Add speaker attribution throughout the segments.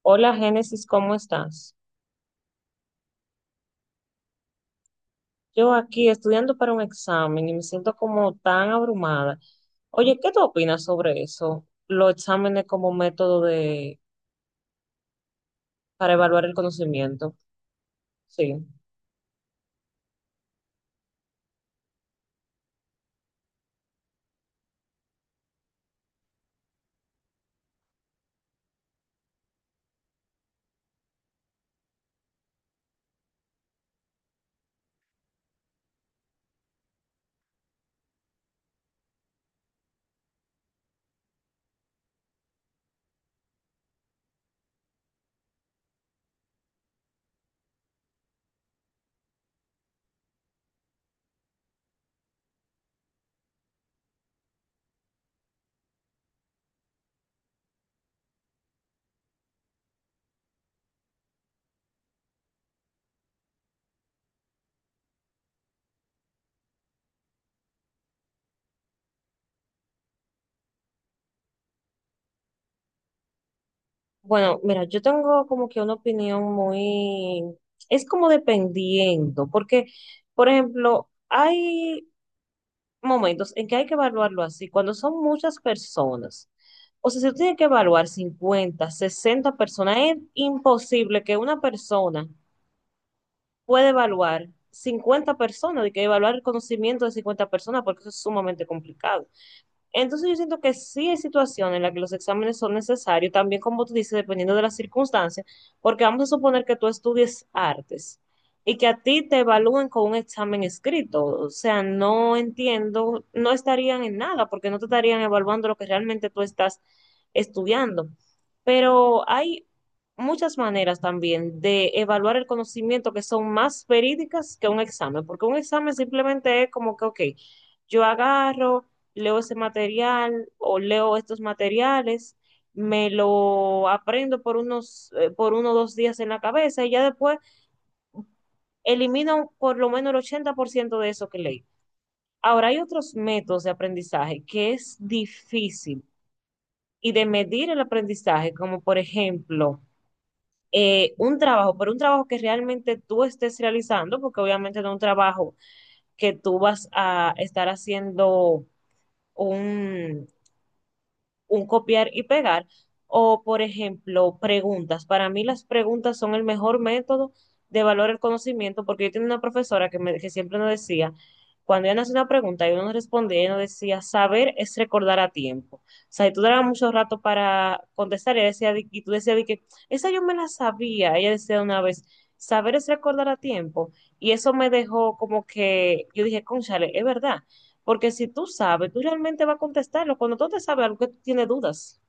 Speaker 1: Hola Génesis, ¿cómo estás? Yo aquí estudiando para un examen y me siento como tan abrumada. Oye, ¿qué tú opinas sobre eso? Los exámenes como método de para evaluar el conocimiento. Sí. Bueno, mira, yo tengo como que una opinión es como dependiendo, porque, por ejemplo, hay momentos en que hay que evaluarlo así, cuando son muchas personas. O sea, si tú tienes que evaluar 50 60 personas, es imposible que una persona pueda evaluar 50 personas, de que evaluar el conocimiento de 50 personas, porque eso es sumamente complicado. Entonces yo siento que sí hay situaciones en las que los exámenes son necesarios, también como tú dices, dependiendo de las circunstancias, porque vamos a suponer que tú estudies artes y que a ti te evalúen con un examen escrito. O sea, no entiendo, no estarían en nada, porque no te estarían evaluando lo que realmente tú estás estudiando. Pero hay muchas maneras también de evaluar el conocimiento que son más verídicas que un examen, porque un examen simplemente es como que, ok, yo agarro leo ese material o leo estos materiales, me lo aprendo por por 1 o 2 días en la cabeza y ya después elimino por lo menos el 80% de eso que leí. Ahora hay otros métodos de aprendizaje que es difícil y de medir el aprendizaje, como por ejemplo un trabajo, pero un trabajo que realmente tú estés realizando, porque obviamente no es un trabajo que tú vas a estar haciendo un, un copiar y pegar. O, por ejemplo, preguntas. Para mí las preguntas son el mejor método de valorar el conocimiento, porque yo tenía una profesora que siempre nos decía, cuando ella nos hacía una pregunta y uno nos respondía, ella nos decía, saber es recordar a tiempo. O sea, y tú dabas mucho rato para contestar, y, ella decía, y tú decías de que, esa yo me la sabía, ella decía una vez, saber es recordar a tiempo. Y eso me dejó como que, yo dije, cónchale, es verdad. Porque si tú sabes, tú realmente vas a contestarlo. Cuando tú te sabes algo que tú tienes dudas.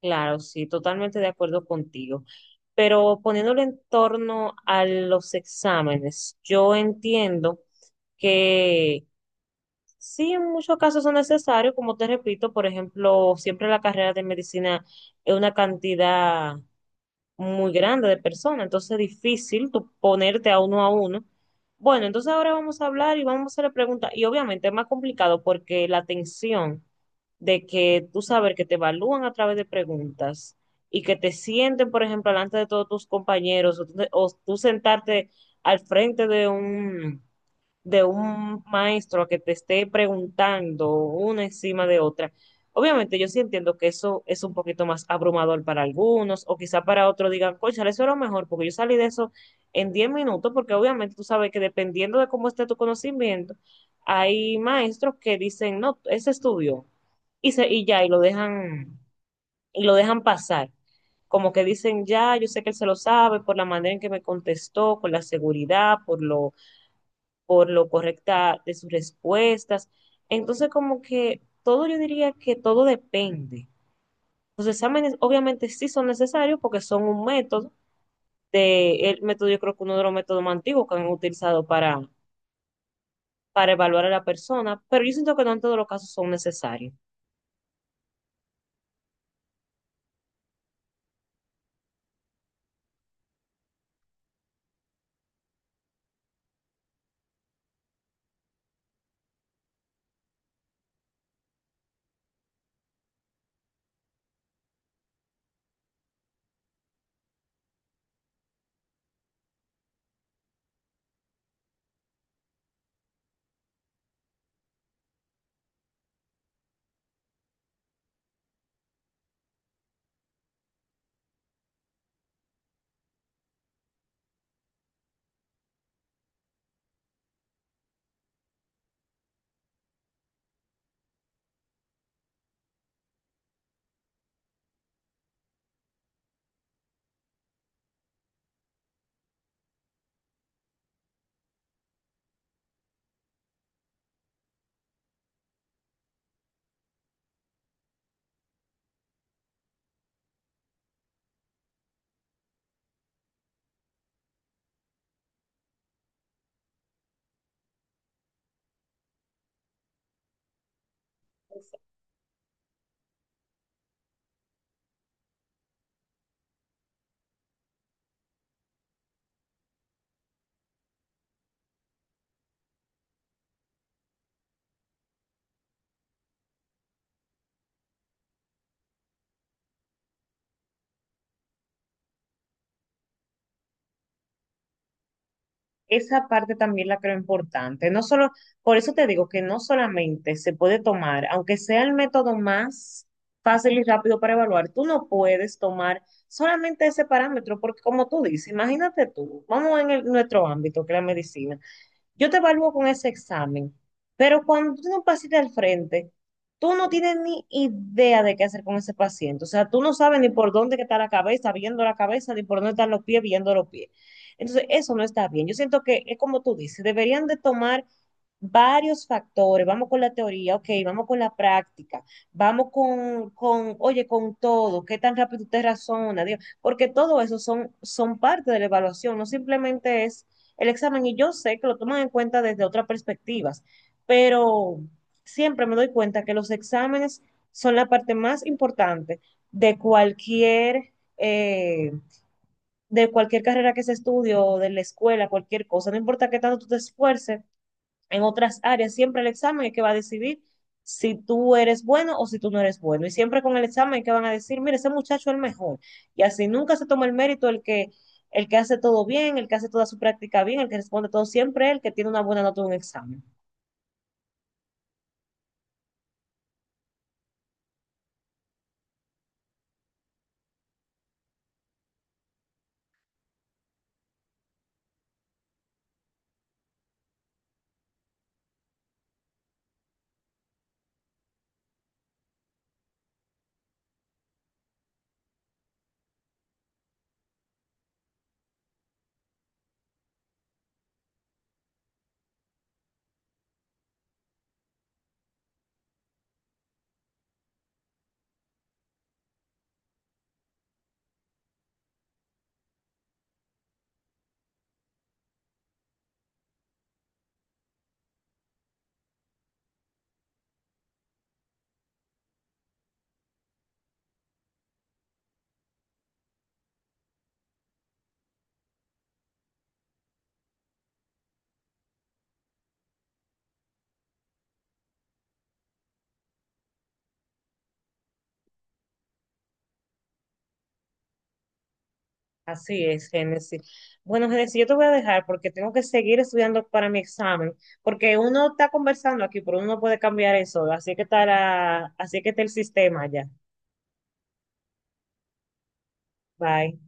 Speaker 1: Claro, sí, totalmente de acuerdo contigo. Pero poniéndolo en torno a los exámenes, yo entiendo que sí, en muchos casos son necesarios, como te repito, por ejemplo, siempre la carrera de medicina es una cantidad muy grande de personas, entonces es difícil tú ponerte a uno a uno. Bueno, entonces ahora vamos a hablar y vamos a hacer preguntas. Y obviamente es más complicado porque la tensión de que tú sabes que te evalúan a través de preguntas y que te sienten, por ejemplo, delante de todos tus compañeros o tú sentarte al frente de un maestro que te esté preguntando una encima de otra. Obviamente yo sí entiendo que eso es un poquito más abrumador para algunos o quizá para otros digan, cónchale, eso era mejor porque yo salí de eso en 10 minutos porque obviamente tú sabes que dependiendo de cómo esté tu conocimiento, hay maestros que dicen, no, ese estudio y, y ya, y lo dejan pasar como que dicen, ya, yo sé que él se lo sabe por la manera en que me contestó, por la seguridad, por lo correcta de sus respuestas. Entonces, como que todo, yo diría que todo depende. Los exámenes obviamente sí son necesarios porque son un método, el método yo creo que uno de los métodos más antiguos que han utilizado para evaluar a la persona, pero yo siento que no en todos los casos son necesarios. Esa parte también la creo importante. No solo, por eso te digo que no solamente se puede tomar, aunque sea el método más fácil y rápido para evaluar, tú no puedes tomar solamente ese parámetro, porque como tú dices, imagínate tú, vamos nuestro ámbito, que es la medicina, yo te evalúo con ese examen, pero cuando tú tienes un paciente al frente, tú no tienes ni idea de qué hacer con ese paciente. O sea, tú no sabes ni por dónde que está la cabeza, viendo la cabeza, ni por dónde están los pies, viendo los pies. Entonces, eso no está bien. Yo siento que es como tú dices, deberían de tomar varios factores. Vamos con la teoría, ok, vamos con la práctica, vamos con oye, con todo, qué tan rápido usted razona, Dios, porque todo eso son parte de la evaluación, no simplemente es el examen y yo sé que lo toman en cuenta desde otras perspectivas, pero siempre me doy cuenta que los exámenes son la parte más importante de eh, cualquier carrera que se estudie o de la escuela, cualquier cosa. No importa qué tanto tú te esfuerces, en otras áreas. Siempre el examen es que va a decidir si tú eres bueno o si tú no eres bueno. Y siempre con el examen es que van a decir, mire, ese muchacho es el mejor. Y así nunca se toma el mérito el que hace todo bien, el que hace toda su práctica bien, el que responde todo siempre, el que tiene una buena nota en un examen. Así es, Génesis. Bueno, Génesis, yo te voy a dejar porque tengo que seguir estudiando para mi examen, porque uno está conversando aquí, pero uno no puede cambiar eso, así que está el sistema ya. Bye.